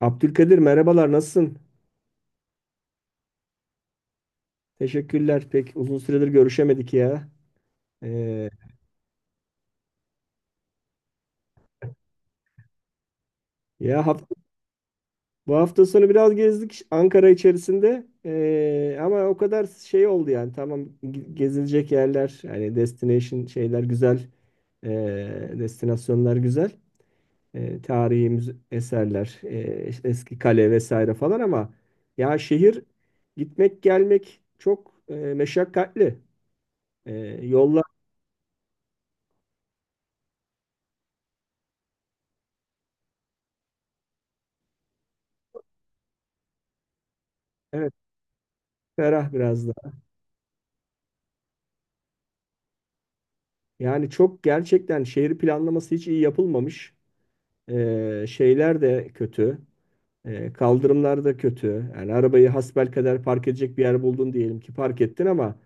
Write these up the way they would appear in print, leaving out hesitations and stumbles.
Abdülkadir merhabalar nasılsın? Teşekkürler. Pek uzun süredir görüşemedik ya. Ee, ya hafta, bu hafta sonu biraz gezdik Ankara içerisinde. Ama o kadar şey oldu yani. Tamam gezilecek yerler, yani destination şeyler güzel. Destinasyonlar güzel. Tarihi eserler, işte eski kale vesaire falan ama ya şehir gitmek gelmek çok meşakkatli. Ee, yollar. Evet, ferah biraz da. Yani çok gerçekten şehir planlaması hiç iyi yapılmamış. Şeyler de kötü. Kaldırımlar da kötü. Yani arabayı hasbelkader park edecek bir yer buldun diyelim ki park ettin ama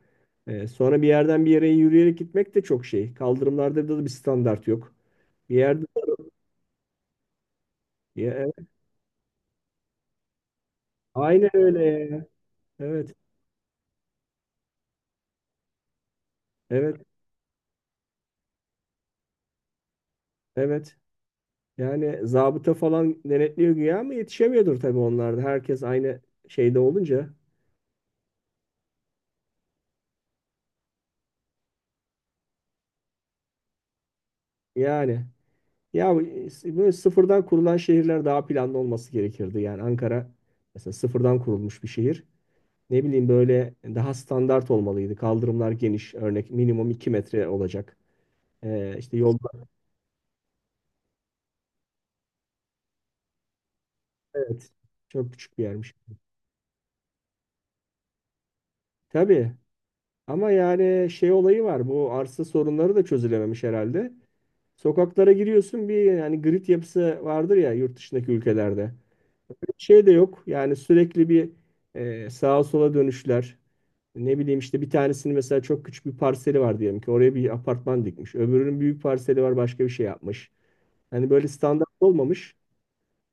sonra bir yerden bir yere yürüyerek gitmek de çok şey. Kaldırımlarda da bir standart yok. Bir yerde. Ya, evet, aynen öyle ya. Evet, evet, evet. Yani zabıta falan denetliyor güya ama yetişemiyordur tabii onlarda. Herkes aynı şeyde olunca yani. Ya böyle sıfırdan kurulan şehirler daha planlı olması gerekirdi. Yani Ankara mesela sıfırdan kurulmuş bir şehir. Ne bileyim böyle daha standart olmalıydı. Kaldırımlar geniş, örnek minimum 2 metre olacak. İşte yolda. Evet, çok küçük bir yermiş. Tabii ama yani şey olayı var. Bu arsa sorunları da çözülememiş herhalde. Sokaklara giriyorsun bir yani grid yapısı vardır ya yurt dışındaki ülkelerde. Şey de yok. Yani sürekli bir sağa sola dönüşler. Ne bileyim işte bir tanesinin mesela çok küçük bir parseli var diyelim ki oraya bir apartman dikmiş. Öbürünün büyük parseli var başka bir şey yapmış. Hani böyle standart olmamış.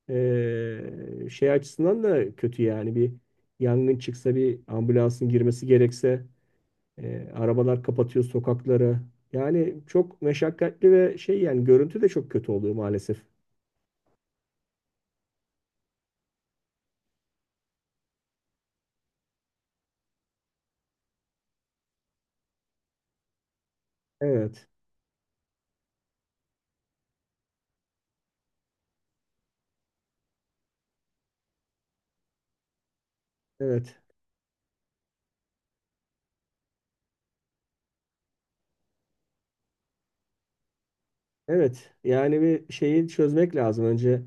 Şey açısından da kötü yani bir yangın çıksa bir ambulansın girmesi gerekse arabalar kapatıyor sokakları. Yani çok meşakkatli ve şey yani görüntü de çok kötü oluyor maalesef. Evet, evet. Evet, yani bir şeyi çözmek lazım. Önce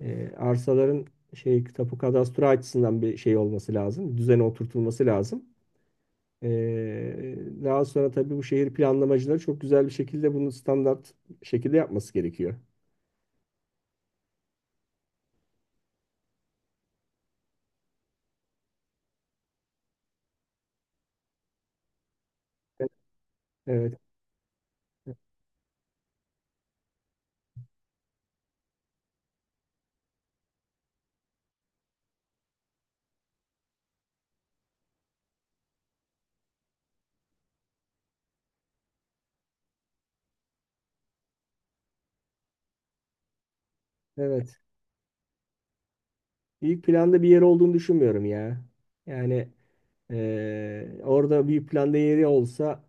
arsaların şey tapu kadastro açısından bir şey olması lazım. Düzene oturtulması lazım. E, daha sonra tabii bu şehir planlamacıları çok güzel bir şekilde bunu standart şekilde yapması gerekiyor. Evet, evet. İlk planda bir yer olduğunu düşünmüyorum ya. Yani. Orada bir planda yeri olsa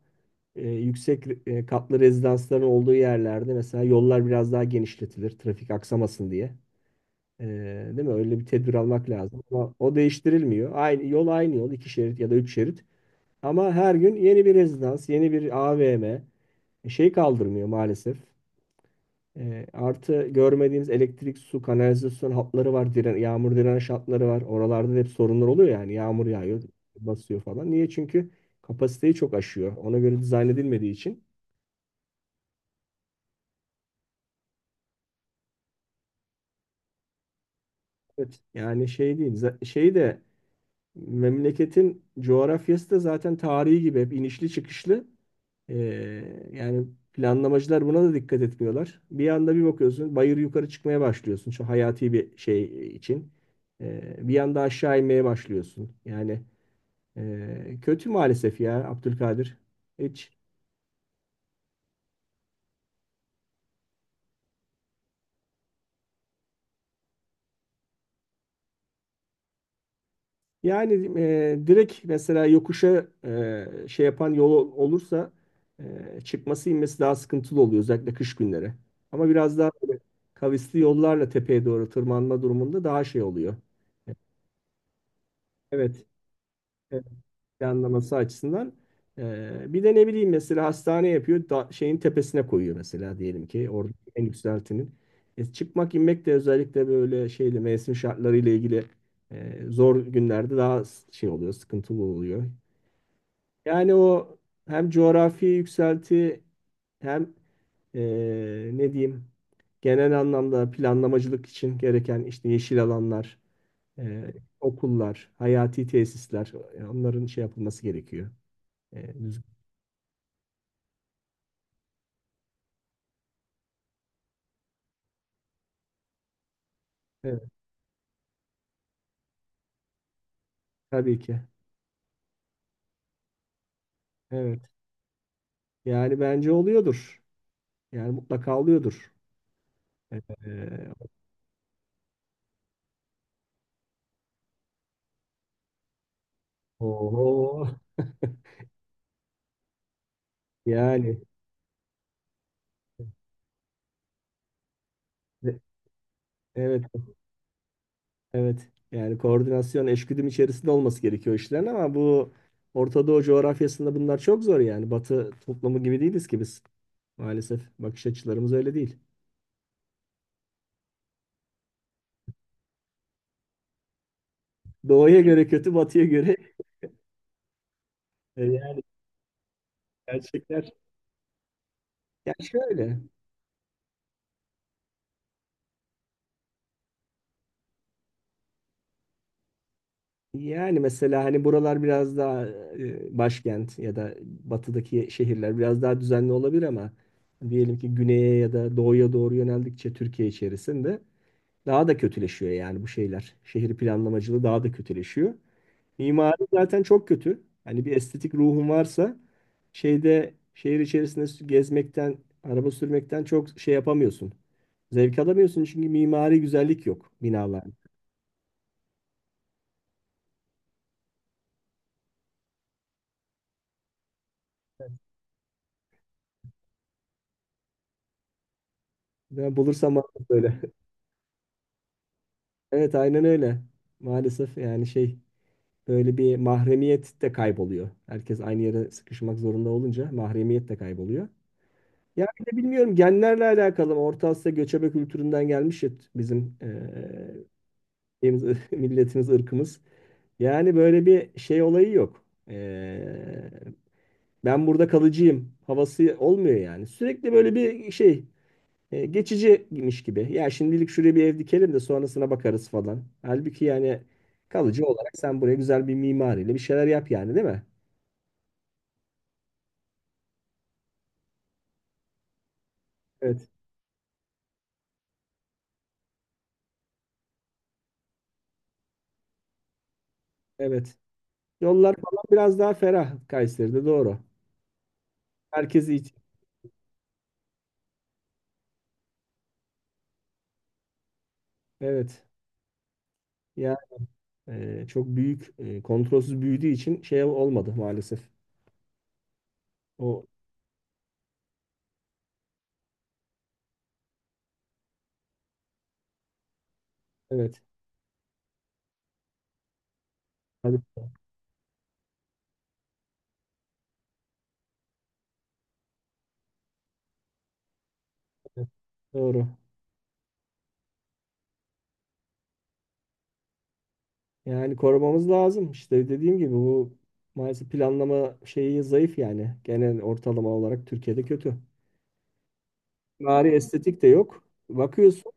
yüksek katlı rezidansların olduğu yerlerde mesela yollar biraz daha genişletilir trafik aksamasın diye. Ee, değil mi? Öyle bir tedbir almak lazım. Ama o değiştirilmiyor. Aynı yol aynı yol, iki şerit ya da üç şerit. Ama her gün yeni bir rezidans, yeni bir AVM şey kaldırmıyor maalesef. Artı görmediğimiz elektrik, su, kanalizasyon hatları var. Yağmur direnç hatları var. Oralarda da hep sorunlar oluyor yani. Yağmur yağıyor, basıyor falan. Niye? Çünkü kapasiteyi çok aşıyor. Ona göre dizayn edilmediği için. Evet. Yani şey değil. Şey de. Memleketin coğrafyası da zaten tarihi gibi hep inişli çıkışlı. Ee, yani planlamacılar buna da dikkat etmiyorlar. Bir anda bir bakıyorsun bayır yukarı çıkmaya başlıyorsun şu hayati bir şey için. Bir anda aşağı inmeye başlıyorsun. Yani kötü maalesef ya Abdülkadir. Hiç Yani direkt mesela yokuşa şey yapan yol olursa çıkması inmesi daha sıkıntılı oluyor özellikle kış günleri. Ama biraz daha böyle kavisli yollarla tepeye doğru tırmanma durumunda daha şey oluyor. Evet. Evet. Planlaması açısından. Bir de ne bileyim mesela hastane yapıyor da şeyin tepesine koyuyor mesela diyelim ki orada en yükseltinin. Çıkmak inmek de özellikle böyle şeyle mevsim şartlarıyla ilgili zor günlerde daha şey oluyor sıkıntılı oluyor. Yani o hem coğrafi yükselti hem e, ne diyeyim genel anlamda planlamacılık için gereken işte yeşil alanlar, e, okullar, hayati tesisler, onların şey yapılması gerekiyor. Düzgün. Evet, tabii ki. Evet. Yani bence oluyordur. Yani mutlaka oluyordur. E, oho. Yani, e, evet, evet. Yani koordinasyon, eşgüdüm içerisinde olması gerekiyor işlerin ama bu Orta Doğu coğrafyasında bunlar çok zor yani. Batı toplumu gibi değiliz ki biz. Maalesef bakış açılarımız öyle değil. Doğuya göre kötü, batıya göre yani gerçekler. Ya şöyle yani mesela hani buralar biraz daha başkent ya da batıdaki şehirler biraz daha düzenli olabilir ama diyelim ki güneye ya da doğuya doğru yöneldikçe Türkiye içerisinde daha da kötüleşiyor yani bu şeyler. Şehir planlamacılığı daha da kötüleşiyor. Mimari zaten çok kötü. Hani bir estetik ruhun varsa şeyde şehir içerisinde gezmekten, araba sürmekten çok şey yapamıyorsun. Zevk alamıyorsun çünkü mimari güzellik yok binalar. Ben bulursam bana söyle. Evet, aynen öyle. Maalesef yani şey, böyle bir mahremiyet de kayboluyor. Herkes aynı yere sıkışmak zorunda olunca mahremiyet de kayboluyor. Ya bir de bilmiyorum, genlerle alakalı mı? Orta Asya göçebe kültüründen gelmiş ya bizim şeyimiz, milletimiz, ırkımız. Yani böyle bir şey olayı yok. Ben burada kalıcıyım havası olmuyor yani. Sürekli böyle bir şey geçiciymiş gibi. Ya şimdilik şuraya bir ev dikelim de sonrasına bakarız falan. Halbuki yani kalıcı olarak sen buraya güzel bir mimariyle bir şeyler yap yani, değil mi? Evet. Evet. Yollar falan biraz daha ferah Kayseri'de, doğru. Herkesi için. Evet. Ya çok büyük, kontrolsüz büyüdüğü için şey olmadı maalesef. O evet. Hadi. Evet, doğru. Yani korumamız lazım. İşte dediğim gibi bu maalesef planlama şeyi zayıf yani. Genel ortalama olarak Türkiye'de kötü. Bari estetik de yok. Bakıyorsun,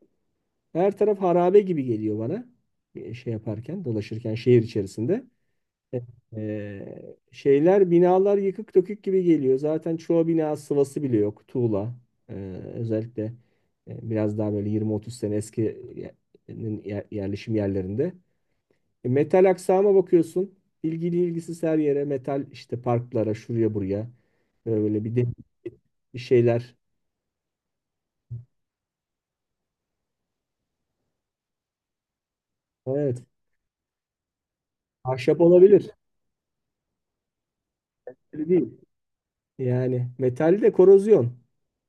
her taraf harabe gibi geliyor bana. Şey yaparken, dolaşırken şehir içerisinde. E, şeyler, binalar yıkık dökük gibi geliyor. Zaten çoğu bina sıvası bile yok. Tuğla. E, özellikle biraz daha böyle 20-30 sene eski ye- yerleşim yerlerinde. Metal aksama bakıyorsun. İlgili ilgisiz her yere metal, işte parklara, şuraya buraya. Böyle bir de bir şeyler. Evet. Ahşap olabilir. Öyle değil. Yani metal de korozyon.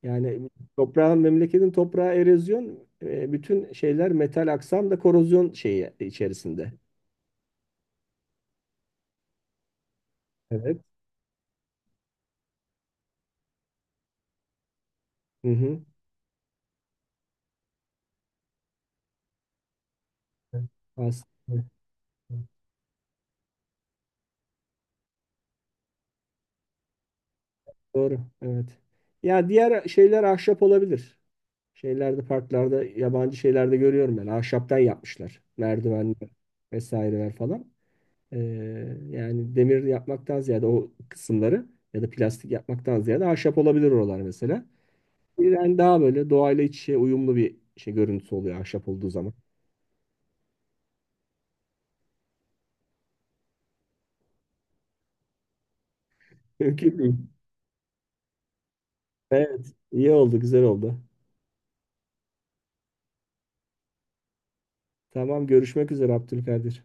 Yani toprağın, memleketin toprağı erozyon, bütün şeyler, metal aksam da korozyon şeyi içerisinde. Evet. Hı hı. Evet. Evet. Doğru. Evet. Ya diğer şeyler ahşap olabilir. Şeylerde, parklarda, yabancı şeylerde görüyorum ben. Ahşaptan yapmışlar. Merdivenler vesaireler falan. Ee, yani demir yapmaktan ziyade o kısımları ya da plastik yapmaktan ziyade ahşap olabilir oralar mesela. Yani daha böyle doğayla iç içe uyumlu bir şey, görüntüsü oluyor ahşap olduğu zaman. Mümkün değil. Evet. İyi oldu, güzel oldu. Tamam, görüşmek üzere Abdülkadir.